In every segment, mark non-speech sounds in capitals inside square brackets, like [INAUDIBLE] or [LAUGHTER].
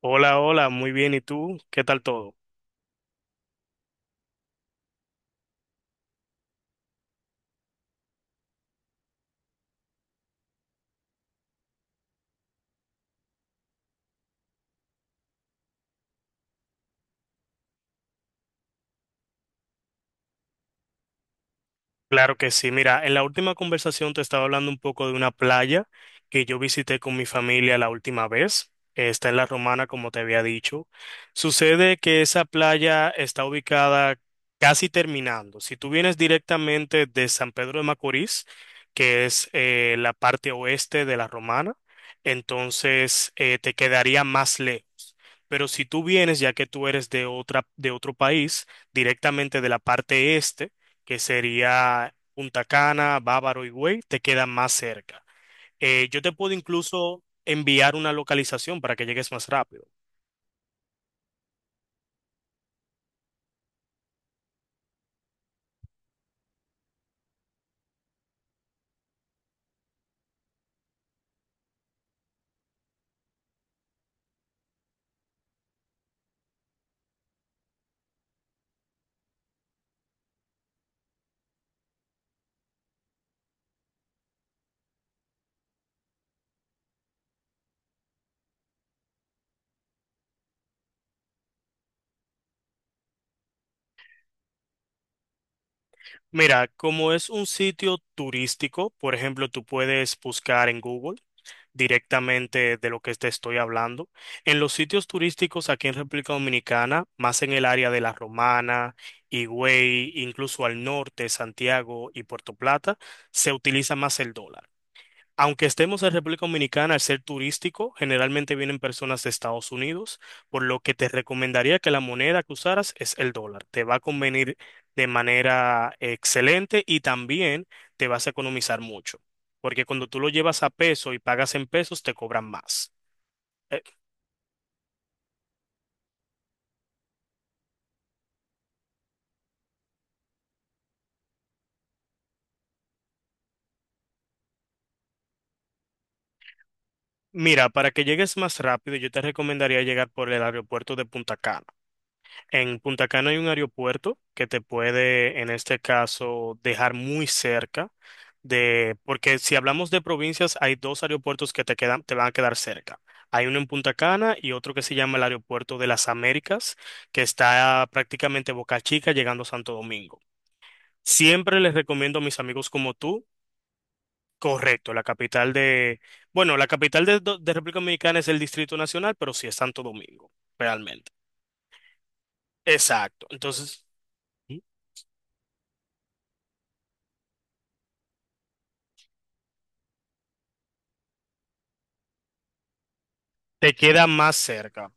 Hola, hola, muy bien. ¿Y tú? ¿Qué tal todo? Claro que sí. Mira, en la última conversación te estaba hablando un poco de una playa que yo visité con mi familia la última vez. Está en La Romana, como te había dicho. Sucede que esa playa está ubicada casi terminando. Si tú vienes directamente de San Pedro de Macorís, que es la parte oeste de La Romana, entonces te quedaría más lejos. Pero si tú vienes, ya que tú eres de otra, de otro país, directamente de la parte este, que sería Punta Cana, Bávaro y Güey, te quedan más cerca. Yo te puedo incluso enviar una localización para que llegues más rápido. Mira, como es un sitio turístico, por ejemplo, tú puedes buscar en Google directamente de lo que te estoy hablando. En los sitios turísticos aquí en República Dominicana, más en el área de La Romana, Higüey, incluso al norte, Santiago y Puerto Plata, se utiliza más el dólar. Aunque estemos en República Dominicana, al ser turístico, generalmente vienen personas de Estados Unidos, por lo que te recomendaría que la moneda que usaras es el dólar. Te va a convenir de manera excelente y también te vas a economizar mucho, porque cuando tú lo llevas a peso y pagas en pesos, te cobran más. Eh, mira, para que llegues más rápido, yo te recomendaría llegar por el aeropuerto de Punta Cana. En Punta Cana hay un aeropuerto que te puede, en este caso, dejar muy cerca de, porque si hablamos de provincias, hay dos aeropuertos que te quedan, te van a quedar cerca. Hay uno en Punta Cana y otro que se llama el Aeropuerto de las Américas, que está prácticamente Boca Chica llegando a Santo Domingo. Siempre les recomiendo a mis amigos como tú. Correcto, la capital de, bueno, la capital de República Dominicana es el Distrito Nacional, pero sí es Santo Domingo, realmente. Exacto. Entonces. Te queda más cerca.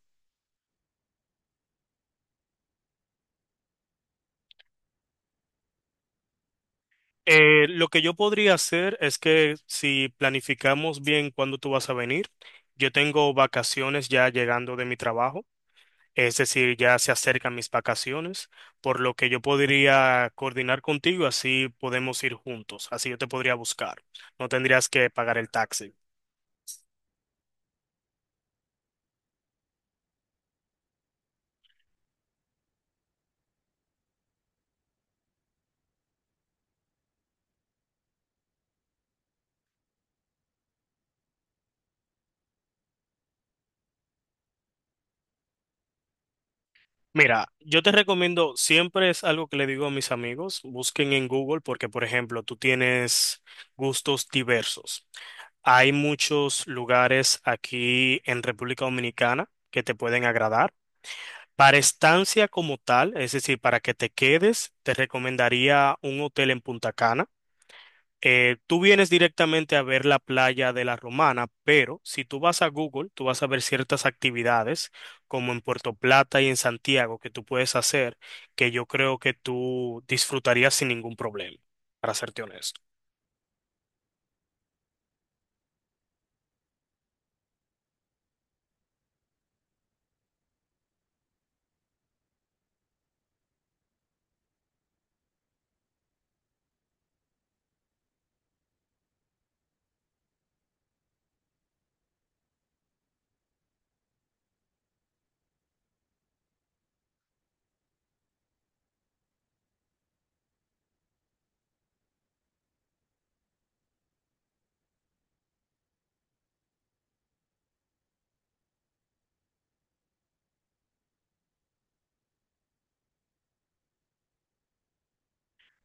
Lo que yo podría hacer es que si planificamos bien cuándo tú vas a venir, yo tengo vacaciones ya llegando de mi trabajo, es decir, ya se acercan mis vacaciones, por lo que yo podría coordinar contigo, así podemos ir juntos, así yo te podría buscar, no tendrías que pagar el taxi. Mira, yo te recomiendo, siempre es algo que le digo a mis amigos, busquen en Google porque, por ejemplo, tú tienes gustos diversos. Hay muchos lugares aquí en República Dominicana que te pueden agradar. Para estancia como tal, es decir, para que te quedes, te recomendaría un hotel en Punta Cana. Tú vienes directamente a ver la playa de La Romana, pero si tú vas a Google, tú vas a ver ciertas actividades como en Puerto Plata y en Santiago que tú puedes hacer, que yo creo que tú disfrutarías sin ningún problema, para serte honesto.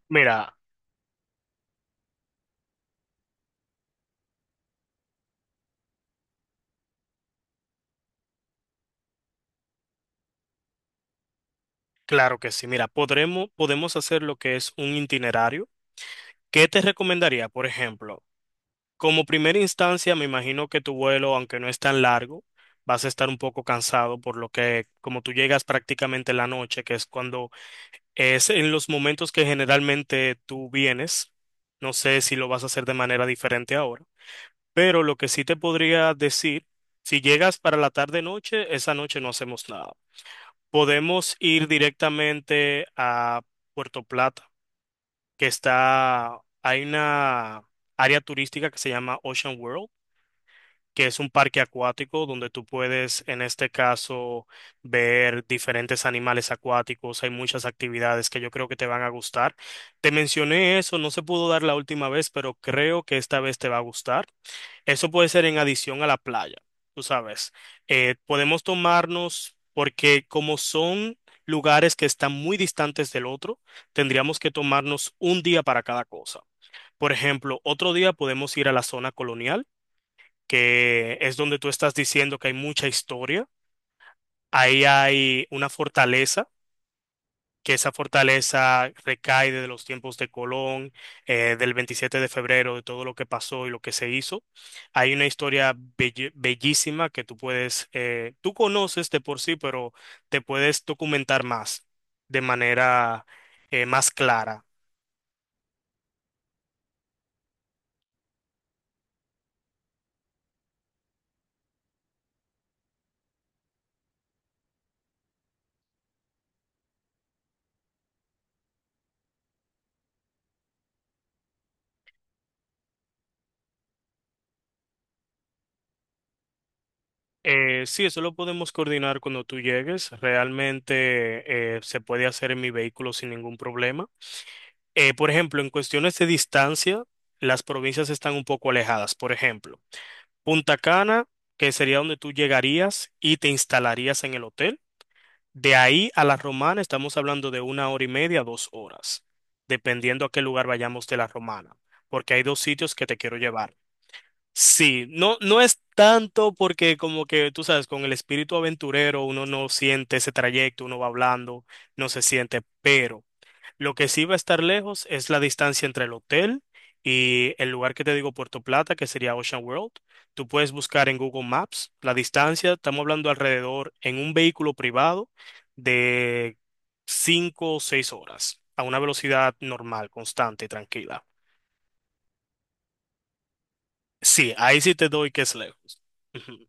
Mira. Claro que sí. Mira, podremos, podemos hacer lo que es un itinerario. ¿Qué te recomendaría? Por ejemplo, como primera instancia, me imagino que tu vuelo, aunque no es tan largo, vas a estar un poco cansado por lo que, como tú llegas prácticamente en la noche, que es cuando es en los momentos que generalmente tú vienes, no sé si lo vas a hacer de manera diferente ahora, pero lo que sí te podría decir, si llegas para la tarde-noche, esa noche no hacemos nada. Podemos ir directamente a Puerto Plata, que está, hay una área turística que se llama Ocean World, que es un parque acuático donde tú puedes, en este caso, ver diferentes animales acuáticos. Hay muchas actividades que yo creo que te van a gustar. Te mencioné eso, no se pudo dar la última vez, pero creo que esta vez te va a gustar. Eso puede ser en adición a la playa, tú sabes. Podemos tomarnos, porque como son lugares que están muy distantes del otro, tendríamos que tomarnos un día para cada cosa. Por ejemplo, otro día podemos ir a la zona colonial, que es donde tú estás diciendo que hay mucha historia. Ahí hay una fortaleza que esa fortaleza recae de los tiempos de Colón, del 27 de febrero, de todo lo que pasó y lo que se hizo. Hay una historia bellísima que tú puedes, tú conoces de por sí, pero te puedes documentar más, de manera más clara. Sí, eso lo podemos coordinar cuando tú llegues. Realmente se puede hacer en mi vehículo sin ningún problema. Por ejemplo, en cuestiones de distancia, las provincias están un poco alejadas, por ejemplo. Punta Cana, que sería donde tú llegarías y te instalarías en el hotel. De ahí a La Romana estamos hablando de una hora y media, 2 horas, dependiendo a qué lugar vayamos de La Romana, porque hay dos sitios que te quiero llevar. Sí, no, no es tanto porque como que tú sabes, con el espíritu aventurero uno no siente ese trayecto, uno va hablando, no se siente, pero... Lo que sí va a estar lejos es la distancia entre el hotel y el lugar que te digo, Puerto Plata, que sería Ocean World. Tú puedes buscar en Google Maps la distancia, estamos hablando alrededor en un vehículo privado de 5 o 6 horas a una velocidad normal, constante y tranquila. Sí, ahí sí te doy que es lejos. [LAUGHS] Ujú.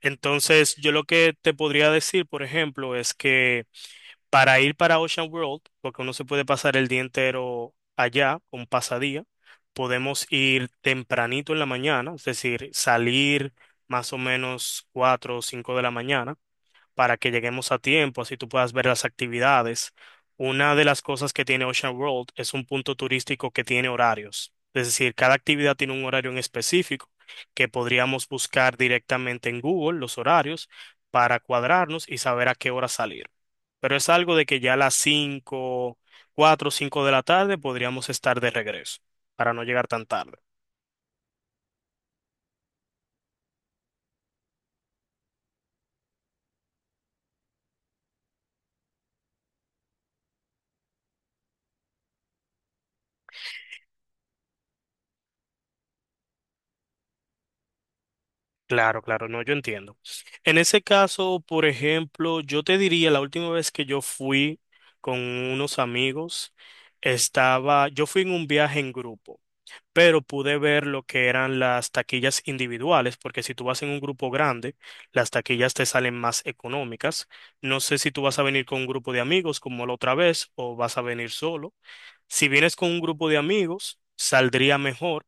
Entonces, yo lo que te podría decir, por ejemplo, es que para ir para Ocean World, porque uno se puede pasar el día entero allá, un pasadía, podemos ir tempranito en la mañana, es decir, salir más o menos 4 o 5 de la mañana para que lleguemos a tiempo, así tú puedas ver las actividades. Una de las cosas que tiene Ocean World es un punto turístico que tiene horarios, es decir, cada actividad tiene un horario en específico que podríamos buscar directamente en Google los horarios para cuadrarnos y saber a qué hora salir. Pero es algo de que ya a las 5, 4, o 5 de la tarde podríamos estar de regreso para no llegar tan tarde. Claro, claro, no, yo entiendo. En ese caso, por ejemplo, yo te diría, la última vez que yo fui con unos amigos, yo fui en un viaje en grupo, pero pude ver lo que eran las taquillas individuales, porque si tú vas en un grupo grande, las taquillas te salen más económicas. No sé si tú vas a venir con un grupo de amigos como la otra vez o vas a venir solo. Si vienes con un grupo de amigos, saldría mejor,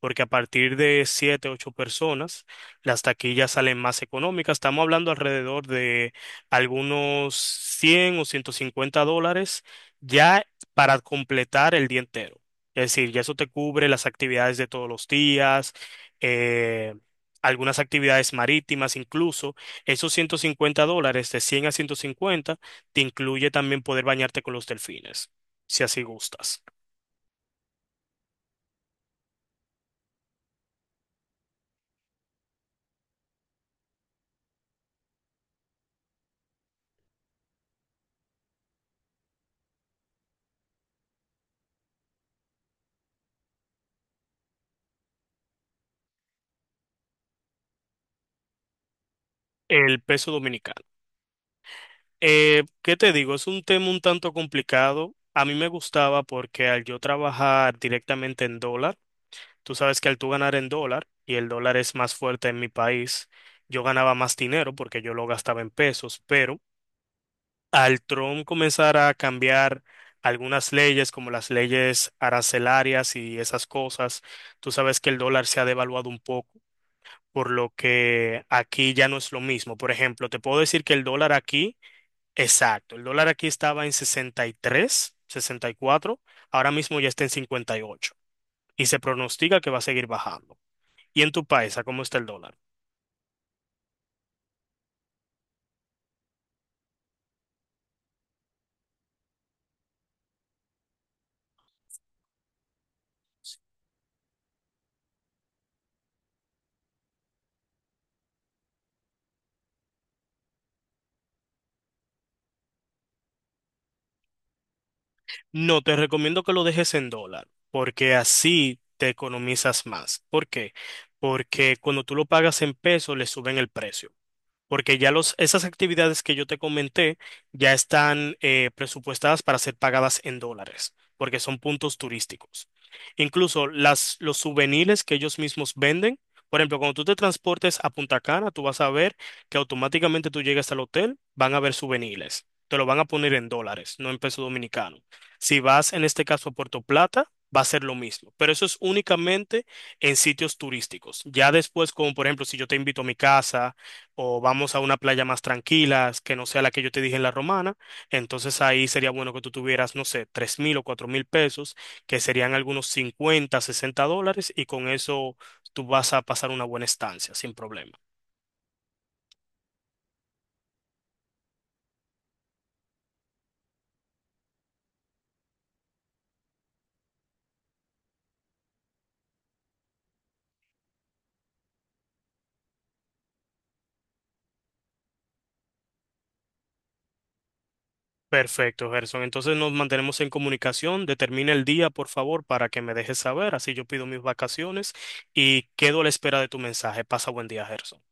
porque a partir de siete, ocho personas, las taquillas salen más económicas. Estamos hablando alrededor de algunos 100 o 150 dólares ya para completar el día entero. Es decir, ya eso te cubre las actividades de todos los días, eh, algunas actividades marítimas, incluso esos 150 dólares de 100 a 150 te incluye también poder bañarte con los delfines si así gustas. El peso dominicano. ¿Qué te digo? Es un tema un tanto complicado. A mí me gustaba porque al yo trabajar directamente en dólar, tú sabes que al tú ganar en dólar, y el dólar es más fuerte en mi país, yo ganaba más dinero porque yo lo gastaba en pesos, pero al Trump comenzar a cambiar algunas leyes, como las leyes arancelarias y esas cosas, tú sabes que el dólar se ha devaluado un poco. Por lo que aquí ya no es lo mismo. Por ejemplo, te puedo decir que el dólar aquí, exacto, el dólar aquí estaba en 63, 64, ahora mismo ya está en 58 y ocho y se pronostica que va a seguir bajando. ¿Y en tu país, a cómo está el dólar? No, te recomiendo que lo dejes en dólar, porque así te economizas más. ¿Por qué? Porque cuando tú lo pagas en peso, le suben el precio. Porque ya los, esas actividades que yo te comenté ya están presupuestadas para ser pagadas en dólares, porque son puntos turísticos. Incluso las, los souvenirs que ellos mismos venden, por ejemplo, cuando tú te transportes a Punta Cana, tú vas a ver que automáticamente tú llegas al hotel, van a ver souvenirs. Te lo van a poner en dólares, no en peso dominicano. Si vas en este caso a Puerto Plata, va a ser lo mismo, pero eso es únicamente en sitios turísticos. Ya después, como por ejemplo, si yo te invito a mi casa, o vamos a una playa más tranquila, que no sea la que yo te dije en La Romana, entonces ahí sería bueno que tú tuvieras, no sé, 3.000 o 4.000 pesos, que serían algunos 50 60 dólares, y con eso tú vas a pasar una buena estancia, sin problema. Perfecto, Gerson. Entonces nos mantenemos en comunicación. Determina el día, por favor, para que me dejes saber. Así yo pido mis vacaciones y quedo a la espera de tu mensaje. Pasa buen día, Gerson.